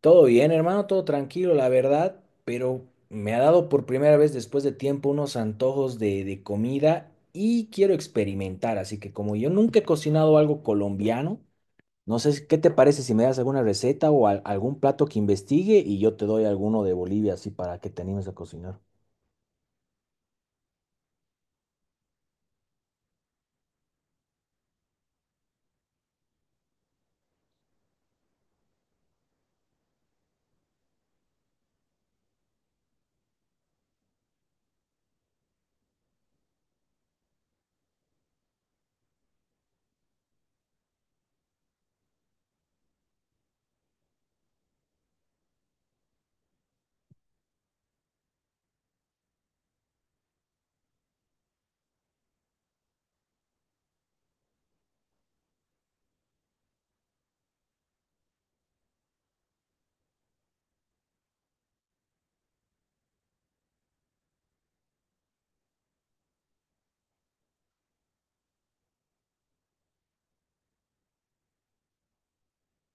Todo bien, hermano, todo tranquilo, la verdad, pero me ha dado por primera vez después de tiempo unos antojos de comida y quiero experimentar, así que como yo nunca he cocinado algo colombiano, no sé si- ¿qué te parece si me das alguna receta o algún plato que investigue y yo te doy alguno de Bolivia así para que te animes a cocinar?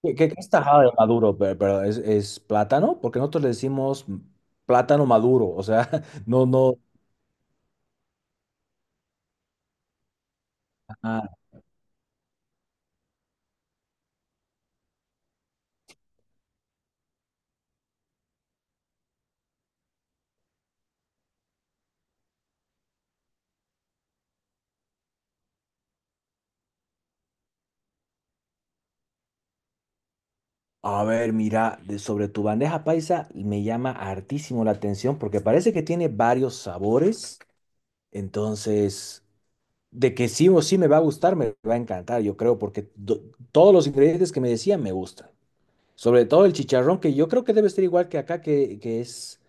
¿Qué es tajada de maduro? Pero es plátano, porque nosotros le decimos plátano maduro, o sea, no, no. A ver, mira, sobre tu bandeja paisa me llama hartísimo la atención porque parece que tiene varios sabores. Entonces, de que sí o sí me va a gustar, me va a encantar, yo creo, porque todos los ingredientes que me decían me gustan. Sobre todo el chicharrón, que yo creo que debe ser igual que acá, que es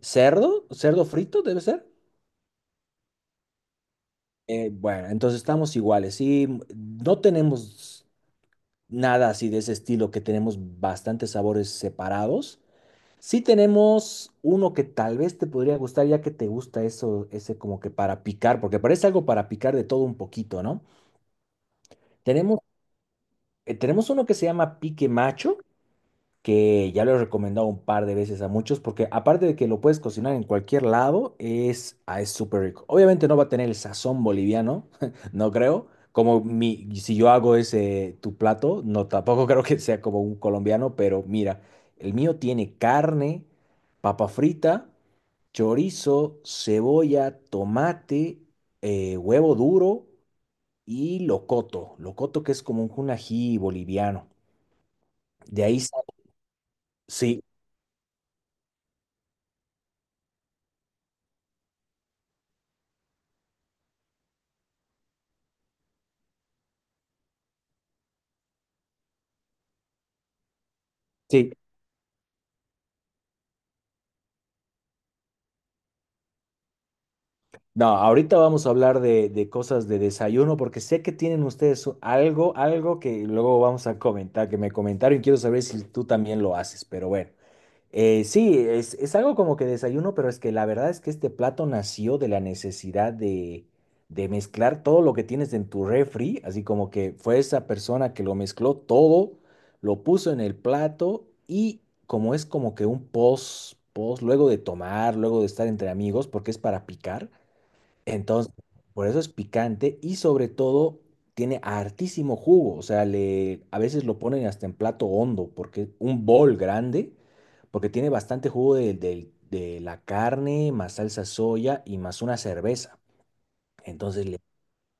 cerdo, cerdo frito, debe ser. Bueno, entonces estamos iguales. Sí, no tenemos nada así de ese estilo, que tenemos bastantes sabores separados. Sí tenemos uno que tal vez te podría gustar, ya que te gusta eso, ese como que para picar, porque parece algo para picar de todo un poquito, ¿no? Tenemos, tenemos uno que se llama pique macho, que ya lo he recomendado un par de veces a muchos, porque aparte de que lo puedes cocinar en cualquier lado, es súper rico. Obviamente no va a tener el sazón boliviano, no creo. Como mi, si yo hago ese tu plato, no tampoco creo que sea como un colombiano, pero mira, el mío tiene carne, papa frita, chorizo, cebolla, tomate, huevo duro y locoto. Locoto que es como un ají boliviano. De ahí, sa- sí. Sí, no, ahorita vamos a hablar de cosas de desayuno porque sé que tienen ustedes algo, algo que luego vamos a comentar, que me comentaron y quiero saber si tú también lo haces, pero bueno. Sí, es algo como que desayuno, pero es que la verdad es que este plato nació de la necesidad de mezclar todo lo que tienes en tu refri, así como que fue esa persona que lo mezcló todo, lo puso en el plato y como es como que un post, luego de tomar, luego de estar entre amigos, porque es para picar. Entonces, por eso es picante y sobre todo tiene hartísimo jugo. O sea, le, a veces lo ponen hasta en plato hondo, porque un bol grande, porque tiene bastante jugo de la carne, más salsa soya y más una cerveza. Entonces le,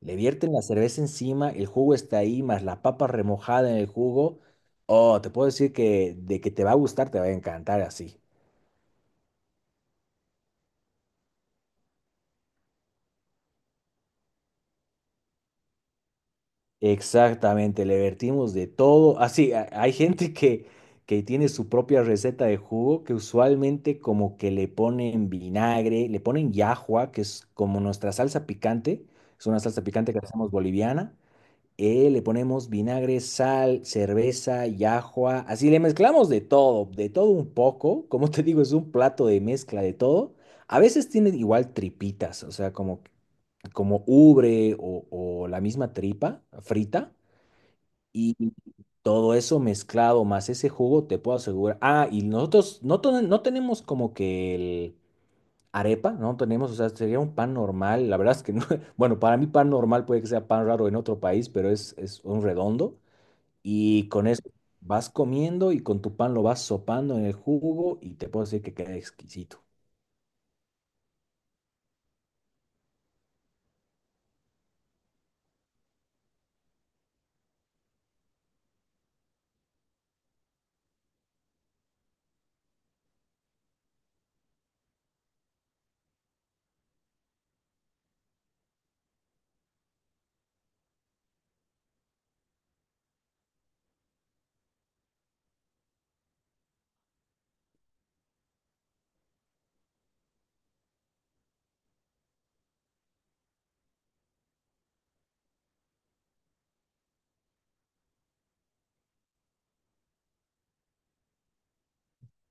le vierten la cerveza encima, el jugo está ahí, más la papa remojada en el jugo. Oh, te puedo decir que de que te va a gustar, te va a encantar así. Exactamente, le vertimos de todo. Así, hay gente que tiene su propia receta de jugo que usualmente como que le ponen vinagre, le ponen llajua, que es como nuestra salsa picante, es una salsa picante que hacemos boliviana, le ponemos vinagre, sal, cerveza y ajua. Así le mezclamos de todo un poco. Como te digo, es un plato de mezcla de todo. A veces tiene igual tripitas, o sea, como, como ubre o la misma tripa frita. Y todo eso mezclado más ese jugo, te puedo asegurar. Ah, y nosotros no tenemos como que el arepa, no tenemos, o sea, sería un pan normal. La verdad es que no. Bueno, para mí pan normal puede que sea pan raro en otro país, pero es un redondo. Y con eso vas comiendo y con tu pan lo vas sopando en el jugo y te puedo decir que queda exquisito.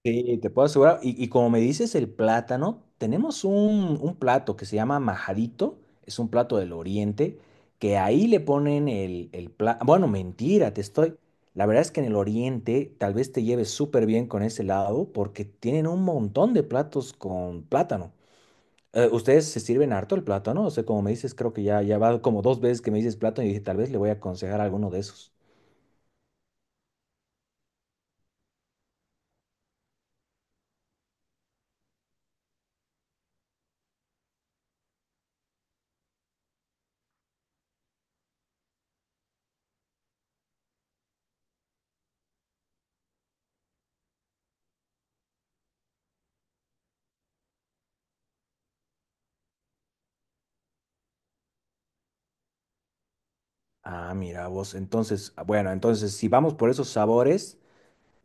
Sí, te puedo asegurar. Y como me dices el plátano, tenemos un plato que se llama majarito, es un plato del oriente, que ahí le ponen el plátano. Bueno, mentira, te estoy. La verdad es que en el oriente tal vez te lleves súper bien con ese lado porque tienen un montón de platos con plátano. Ustedes se sirven harto el plato, ¿no? O sea, como me dices, creo que ya va como dos veces que me dices plato y dije, tal vez le voy a aconsejar alguno de esos. Ah, mira vos, entonces, ah, bueno, entonces si vamos por esos sabores,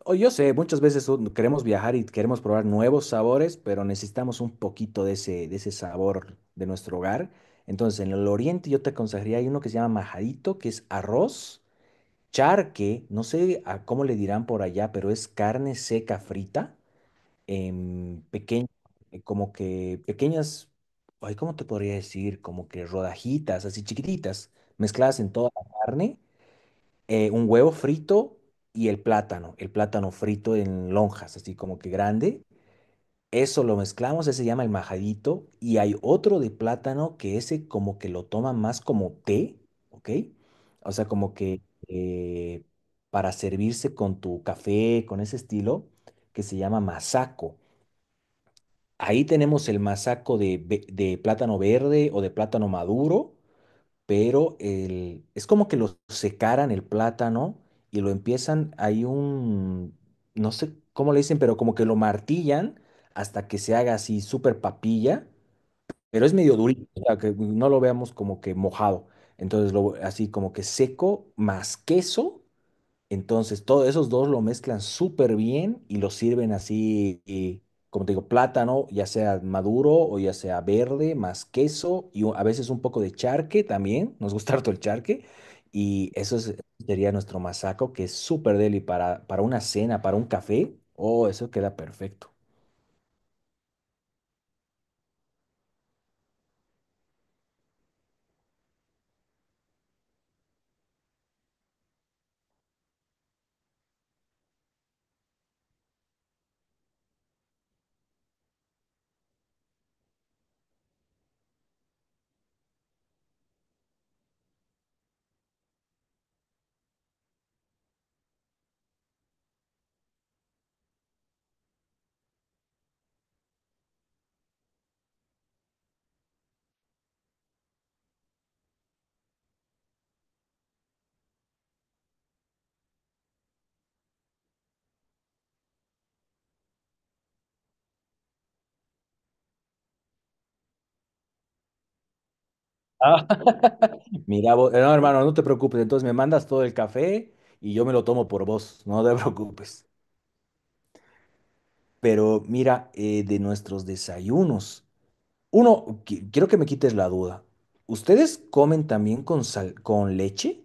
o yo sé, muchas veces queremos viajar y queremos probar nuevos sabores, pero necesitamos un poquito de ese sabor de nuestro hogar. Entonces, en el oriente yo te aconsejaría, hay uno que se llama majadito, que es arroz, charque, no sé a cómo le dirán por allá, pero es carne seca frita. Pequeño, como que pequeñas, ay, ¿cómo te podría decir? Como que rodajitas, así chiquititas, mezcladas en toda la carne, un huevo frito y el plátano frito en lonjas, así como que grande. Eso lo mezclamos, ese se llama el majadito, y hay otro de plátano que ese como que lo toma más como té, ¿ok? O sea, como que eh, para servirse con tu café, con ese estilo, que se llama masaco. Ahí tenemos el masaco de plátano verde o de plátano maduro, pero el, es como que lo secaran el plátano y lo empiezan, hay un, no sé cómo le dicen, pero como que lo martillan hasta que se haga así súper papilla, pero es medio durito, o sea, que no lo veamos como que mojado. Entonces, lo, así como que seco más queso, entonces, todos esos dos lo mezclan súper bien y lo sirven así, y, como te digo, plátano, ya sea maduro o ya sea verde, más queso y a veces un poco de charque también. Nos gusta harto el charque. Y eso es- sería nuestro masaco, que es súper deli para una cena, para un café. Oh, eso queda perfecto. Ah, mira, no, hermano, no te preocupes. Entonces me mandas todo el café y yo me lo tomo por vos. No te preocupes. Pero mira, de nuestros desayunos. Uno, quiero que me quites la duda. ¿Ustedes comen también con con leche?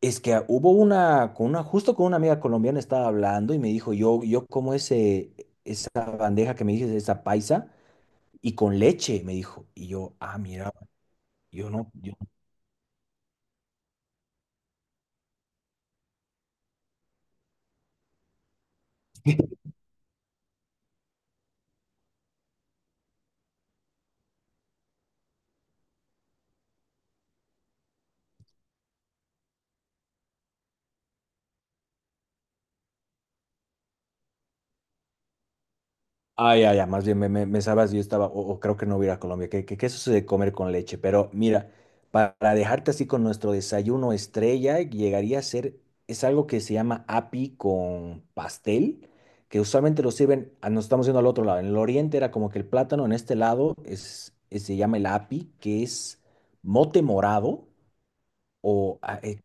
Es que ah, hubo una, con una, justo con una amiga colombiana estaba hablando y me dijo, yo como ese, esa bandeja que me dices, esa paisa, y con leche, me dijo. Y yo, ah, mira, yo no, yo ay, ay, ay. Más bien me, me, me sabas, yo estaba, o creo que no voy a ir a Colombia, que eso se de comer con leche, pero mira, para dejarte así con nuestro desayuno estrella, llegaría a ser, es algo que se llama api con pastel, que usualmente lo sirven, ah, nos estamos yendo al otro lado, en el oriente era como que el plátano, en este lado se llama el api, que es mote morado o ah,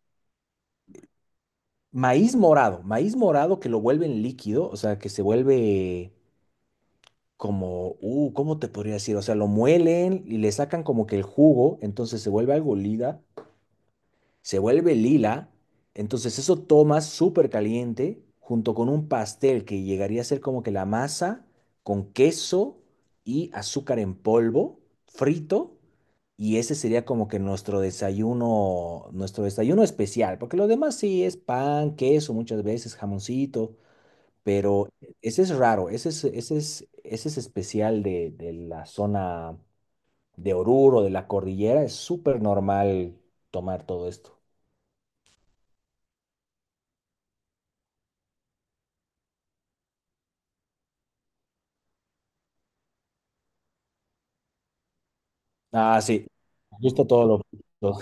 maíz morado que lo vuelven líquido, o sea, que se vuelve como, ¿cómo te podría decir? O sea, lo muelen y le sacan como que el jugo, entonces se vuelve algo lila, se vuelve lila, entonces eso tomas súper caliente junto con un pastel que llegaría a ser como que la masa con queso y azúcar en polvo frito. Y ese sería como que nuestro desayuno especial, porque lo demás sí es pan, queso, muchas veces jamoncito, pero ese es raro, ese es especial de la zona de Oruro, de la cordillera, es súper normal tomar todo esto. Ah, sí, justo todo lo... todo.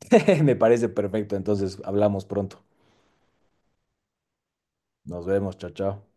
Me parece perfecto, entonces hablamos pronto. Nos vemos, chao, chao.